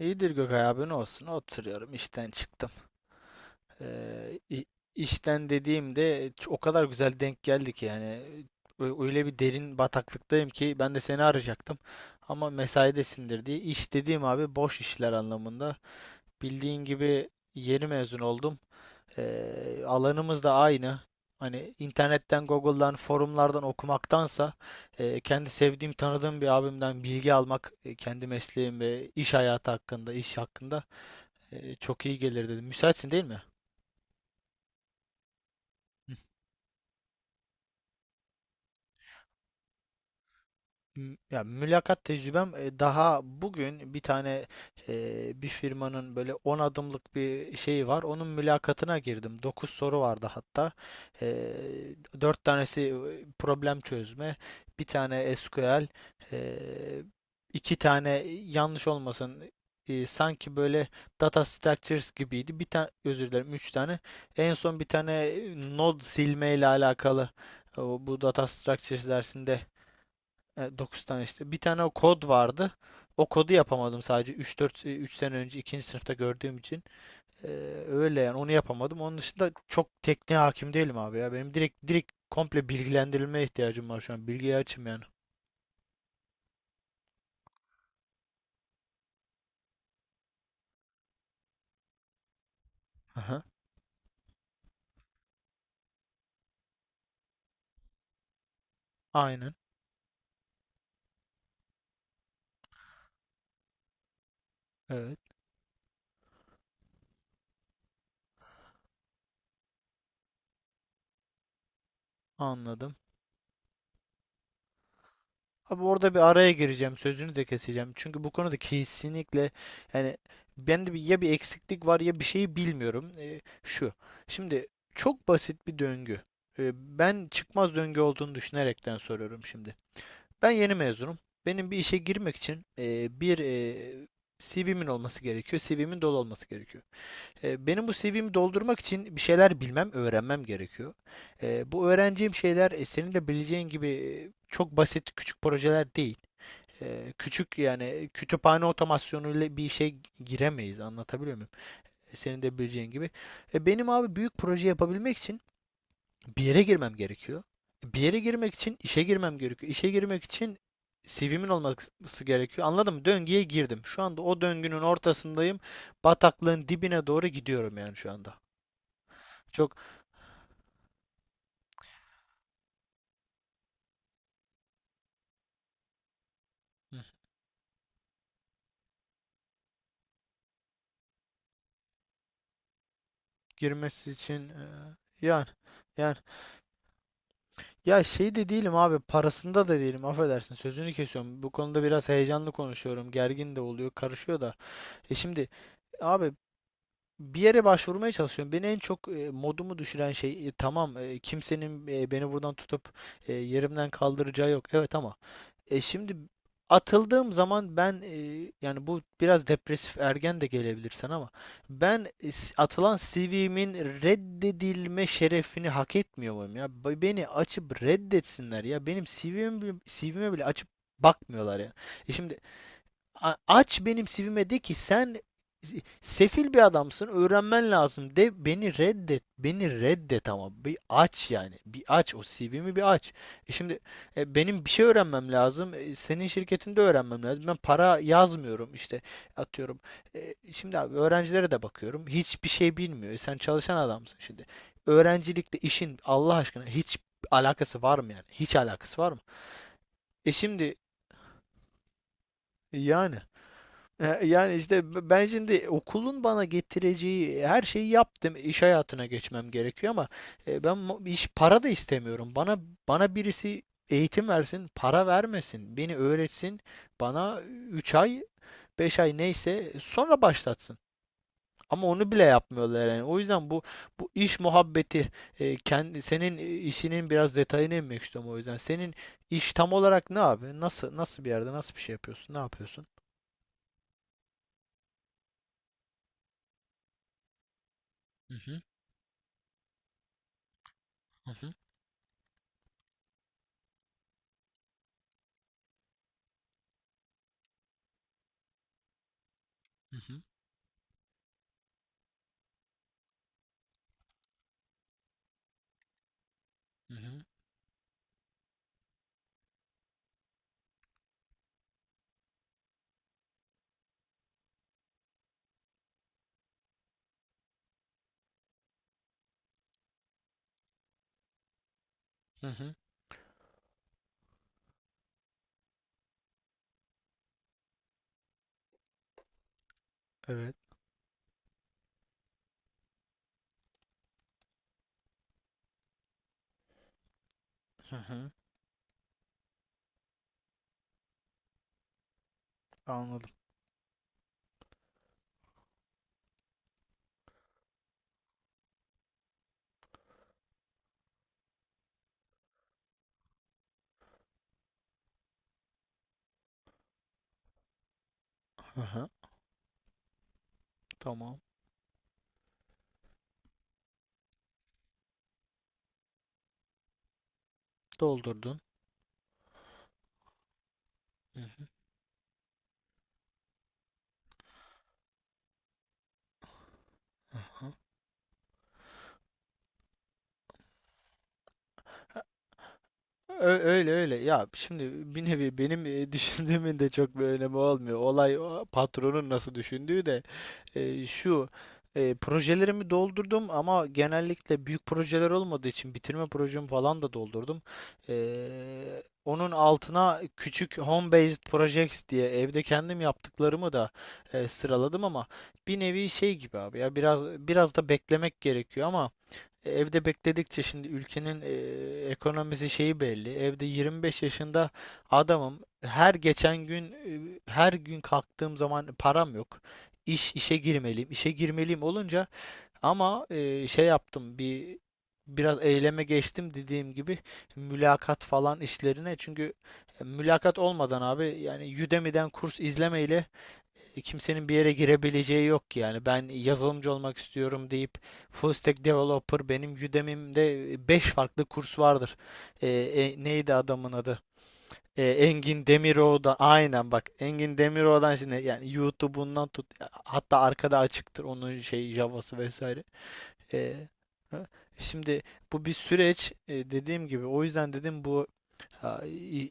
İyidir Gökay abi, ne olsun, oturuyorum, işten çıktım. İ- işten dediğimde o kadar güzel denk geldi ki, yani öyle bir derin bataklıktayım ki ben de seni arayacaktım. Ama mesaidesindir diye. İş dediğim abi, boş işler anlamında. Bildiğin gibi yeni mezun oldum. Alanımız da aynı. Hani internetten, Google'dan, forumlardan okumaktansa kendi sevdiğim, tanıdığım bir abimden bilgi almak, kendi mesleğim ve iş hayatı hakkında, iş hakkında çok iyi gelir dedim. Müsaitsin değil mi? Ya mülakat tecrübem, daha bugün bir tane bir firmanın böyle 10 adımlık bir şeyi var. Onun mülakatına girdim. 9 soru vardı hatta. E, 4 tanesi problem çözme, bir tane SQL, e, iki tane, yanlış olmasın, sanki böyle data structures gibiydi. Bir tane, özür dilerim, 3 tane. En son bir tane node silme ile alakalı, bu data structures dersinde, 9 tane işte. Bir tane o kod vardı. O kodu yapamadım, sadece 3-4 3 sene önce ikinci sınıfta gördüğüm için. E, Öyle yani, onu yapamadım. Onun dışında çok tekniğe hakim değilim abi ya. Benim direkt komple bilgilendirilmeye ihtiyacım var şu an. Bilgiye açım yani. Aha, aynen. Evet. Anladım. Abi, orada bir araya gireceğim, sözünü de keseceğim. Çünkü bu konuda kesinlikle yani bende bir, ya bir eksiklik var ya bir şeyi bilmiyorum. Şu. Şimdi çok basit bir döngü. Ben çıkmaz döngü olduğunu düşünerekten soruyorum şimdi. Ben yeni mezunum. Benim bir işe girmek için CV'min olması gerekiyor. CV'min dolu olması gerekiyor. Benim bu CV'mi doldurmak için bir şeyler bilmem, öğrenmem gerekiyor. Bu öğreneceğim şeyler, senin de bileceğin gibi, çok basit küçük projeler değil. Kütüphane otomasyonuyla bir işe giremeyiz. Anlatabiliyor muyum? Senin de bileceğin gibi. Benim abi, büyük proje yapabilmek için bir yere girmem gerekiyor. Bir yere girmek için işe girmem gerekiyor. İşe girmek için CV'min olması gerekiyor. Anladın mı? Döngüye girdim. Şu anda o döngünün ortasındayım. Bataklığın dibine doğru gidiyorum yani şu anda. Çok girmesi için yani yani ya şey de değilim abi, parasında da değilim, affedersin sözünü kesiyorum. Bu konuda biraz heyecanlı konuşuyorum, gergin de oluyor, karışıyor da. E şimdi abi, bir yere başvurmaya çalışıyorum. Beni en çok modumu düşüren şey, tamam kimsenin beni buradan tutup yerimden kaldıracağı yok. Evet ama şimdi atıldığım zaman ben, yani bu biraz depresif ergen de gelebilir sana ama ben, atılan CV'min reddedilme şerefini hak etmiyor muyum ya? Beni açıp reddetsinler ya. Benim CV'm, CV'me bile açıp bakmıyorlar ya. E şimdi aç benim sivime de ki sen sefil bir adamsın, öğrenmen lazım, de, beni reddet. Beni reddet ama bir aç yani. Bir aç o CV'mi, bir aç. E şimdi benim bir şey öğrenmem lazım. Senin şirketinde öğrenmem lazım. Ben para yazmıyorum işte, atıyorum. Şimdi abi, öğrencilere de bakıyorum. Hiçbir şey bilmiyor. Sen çalışan adamsın şimdi. Öğrencilikle işin Allah aşkına hiç alakası var mı yani? Hiç alakası var mı? E şimdi yani E, Yani işte ben şimdi okulun bana getireceği her şeyi yaptım. İş hayatına geçmem gerekiyor ama iş para da istemiyorum. Bana birisi eğitim versin, para vermesin, beni öğretsin, bana 3 ay, 5 ay neyse sonra başlatsın. Ama onu bile yapmıyorlar yani. O yüzden bu iş muhabbeti, kendi senin işinin biraz detayına inmek istiyorum o yüzden. Senin iş tam olarak ne abi? Nasıl bir yerde nasıl bir şey yapıyorsun? Ne yapıyorsun? Hı hı, hı hı, hı hı. Hı hı. Hı hı. Evet. Hı hı. Anladım. Hı hı. Tamam. Doldurdun. Hı hı. Hı hı. Öyle öyle. Ya şimdi bir nevi benim, düşündüğümün de çok bir önemi olmuyor. Olay o patronun nasıl düşündüğü de. e, şu Projelerimi doldurdum ama genellikle büyük projeler olmadığı için bitirme projemi falan da doldurdum. Onun altına küçük home based projects diye evde kendim yaptıklarımı da sıraladım ama bir nevi şey gibi abi ya, biraz da beklemek gerekiyor ama evde bekledikçe şimdi ülkenin ekonomisi şeyi belli. Evde 25 yaşında adamım. Her geçen gün, her gün kalktığım zaman param yok. İşe girmeliyim. İşe girmeliyim olunca ama şey yaptım, bir biraz eyleme geçtim dediğim gibi mülakat falan işlerine. Çünkü mülakat olmadan abi, yani Udemy'den kurs izlemeyle kimsenin bir yere girebileceği yok ki, yani. Ben yazılımcı olmak istiyorum deyip full stack developer, benim Udemy'mde 5 farklı kurs vardır. Neydi adamın adı? Engin Demiroğlu'dan, aynen bak, Engin Demiroğlu'dan şimdi yani, YouTube'undan tut, hatta arkada açıktır onun şey Java'sı vesaire. Ee, Şimdi bu bir süreç, dediğim gibi, o yüzden dedim bu Ha, i-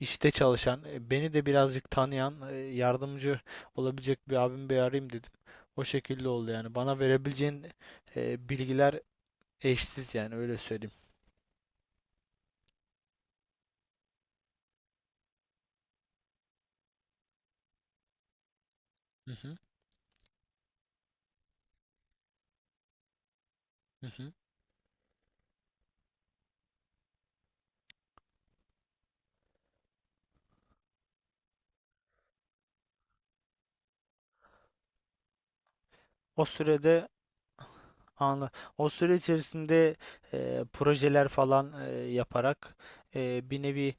işte çalışan, beni de birazcık tanıyan, yardımcı olabilecek bir abimi bir arayayım dedim. O şekilde oldu yani. Bana verebileceğin bilgiler eşsiz yani, öyle söyleyeyim. Hı hı, hı hı. O sürede, anla, o süre içerisinde projeler falan yaparak bir nevi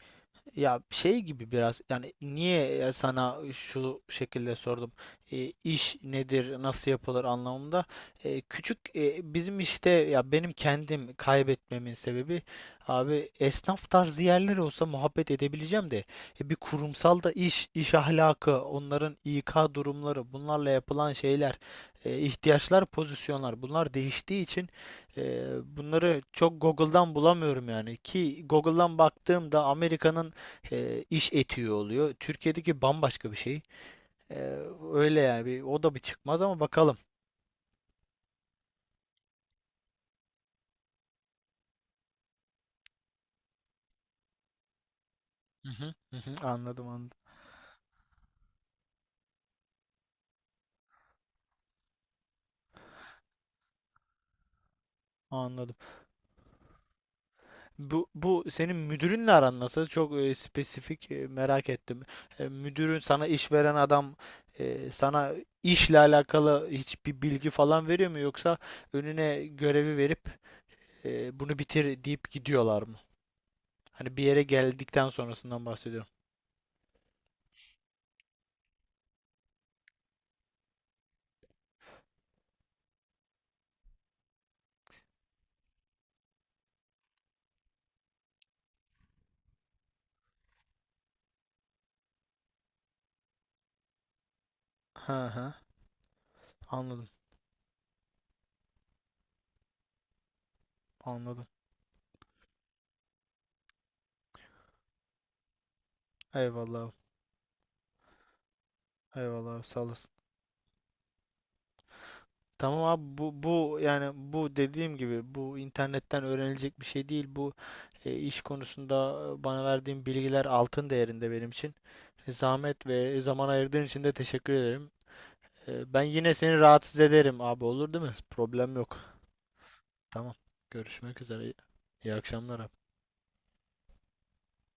ya şey gibi biraz, yani niye sana şu şekilde sordum. İş nedir, nasıl yapılır anlamında. Bizim işte, ya benim kendim kaybetmemin sebebi abi, esnaf tarzı yerler olsa muhabbet edebileceğim de, bir kurumsal da iş ahlakı, onların İK durumları, bunlarla yapılan şeyler, ihtiyaçlar, pozisyonlar, bunlar değiştiği için, e, bunları çok Google'dan bulamıyorum yani, ki Google'dan baktığımda Amerika'nın iş etiği oluyor. Türkiye'deki bambaşka bir şey. E, Öyle yani, bir, o da bir çıkmaz ama bakalım. Hı hı, hı hı, anladım anladım. Anladım. Bu, bu senin müdürünle aran nasıl? Çok spesifik merak ettim. Müdürün, sana iş veren adam, sana işle alakalı hiçbir bilgi falan veriyor mu, yoksa önüne görevi verip bunu bitir deyip gidiyorlar mı? Hani bir yere geldikten sonrasından bahsediyorum. Hı hı. Anladım. Anladım. Eyvallah. Eyvallah abi, sağ olasın. Tamam abi, bu bu yani, bu dediğim gibi bu internetten öğrenilecek bir şey değil. Bu iş konusunda bana verdiğin bilgiler altın değerinde benim için. Zahmet ve zaman ayırdığın için de teşekkür ederim. Ben yine seni rahatsız ederim abi, olur değil mi? Problem yok. Tamam. Görüşmek üzere. İyi, iyi akşamlar abi.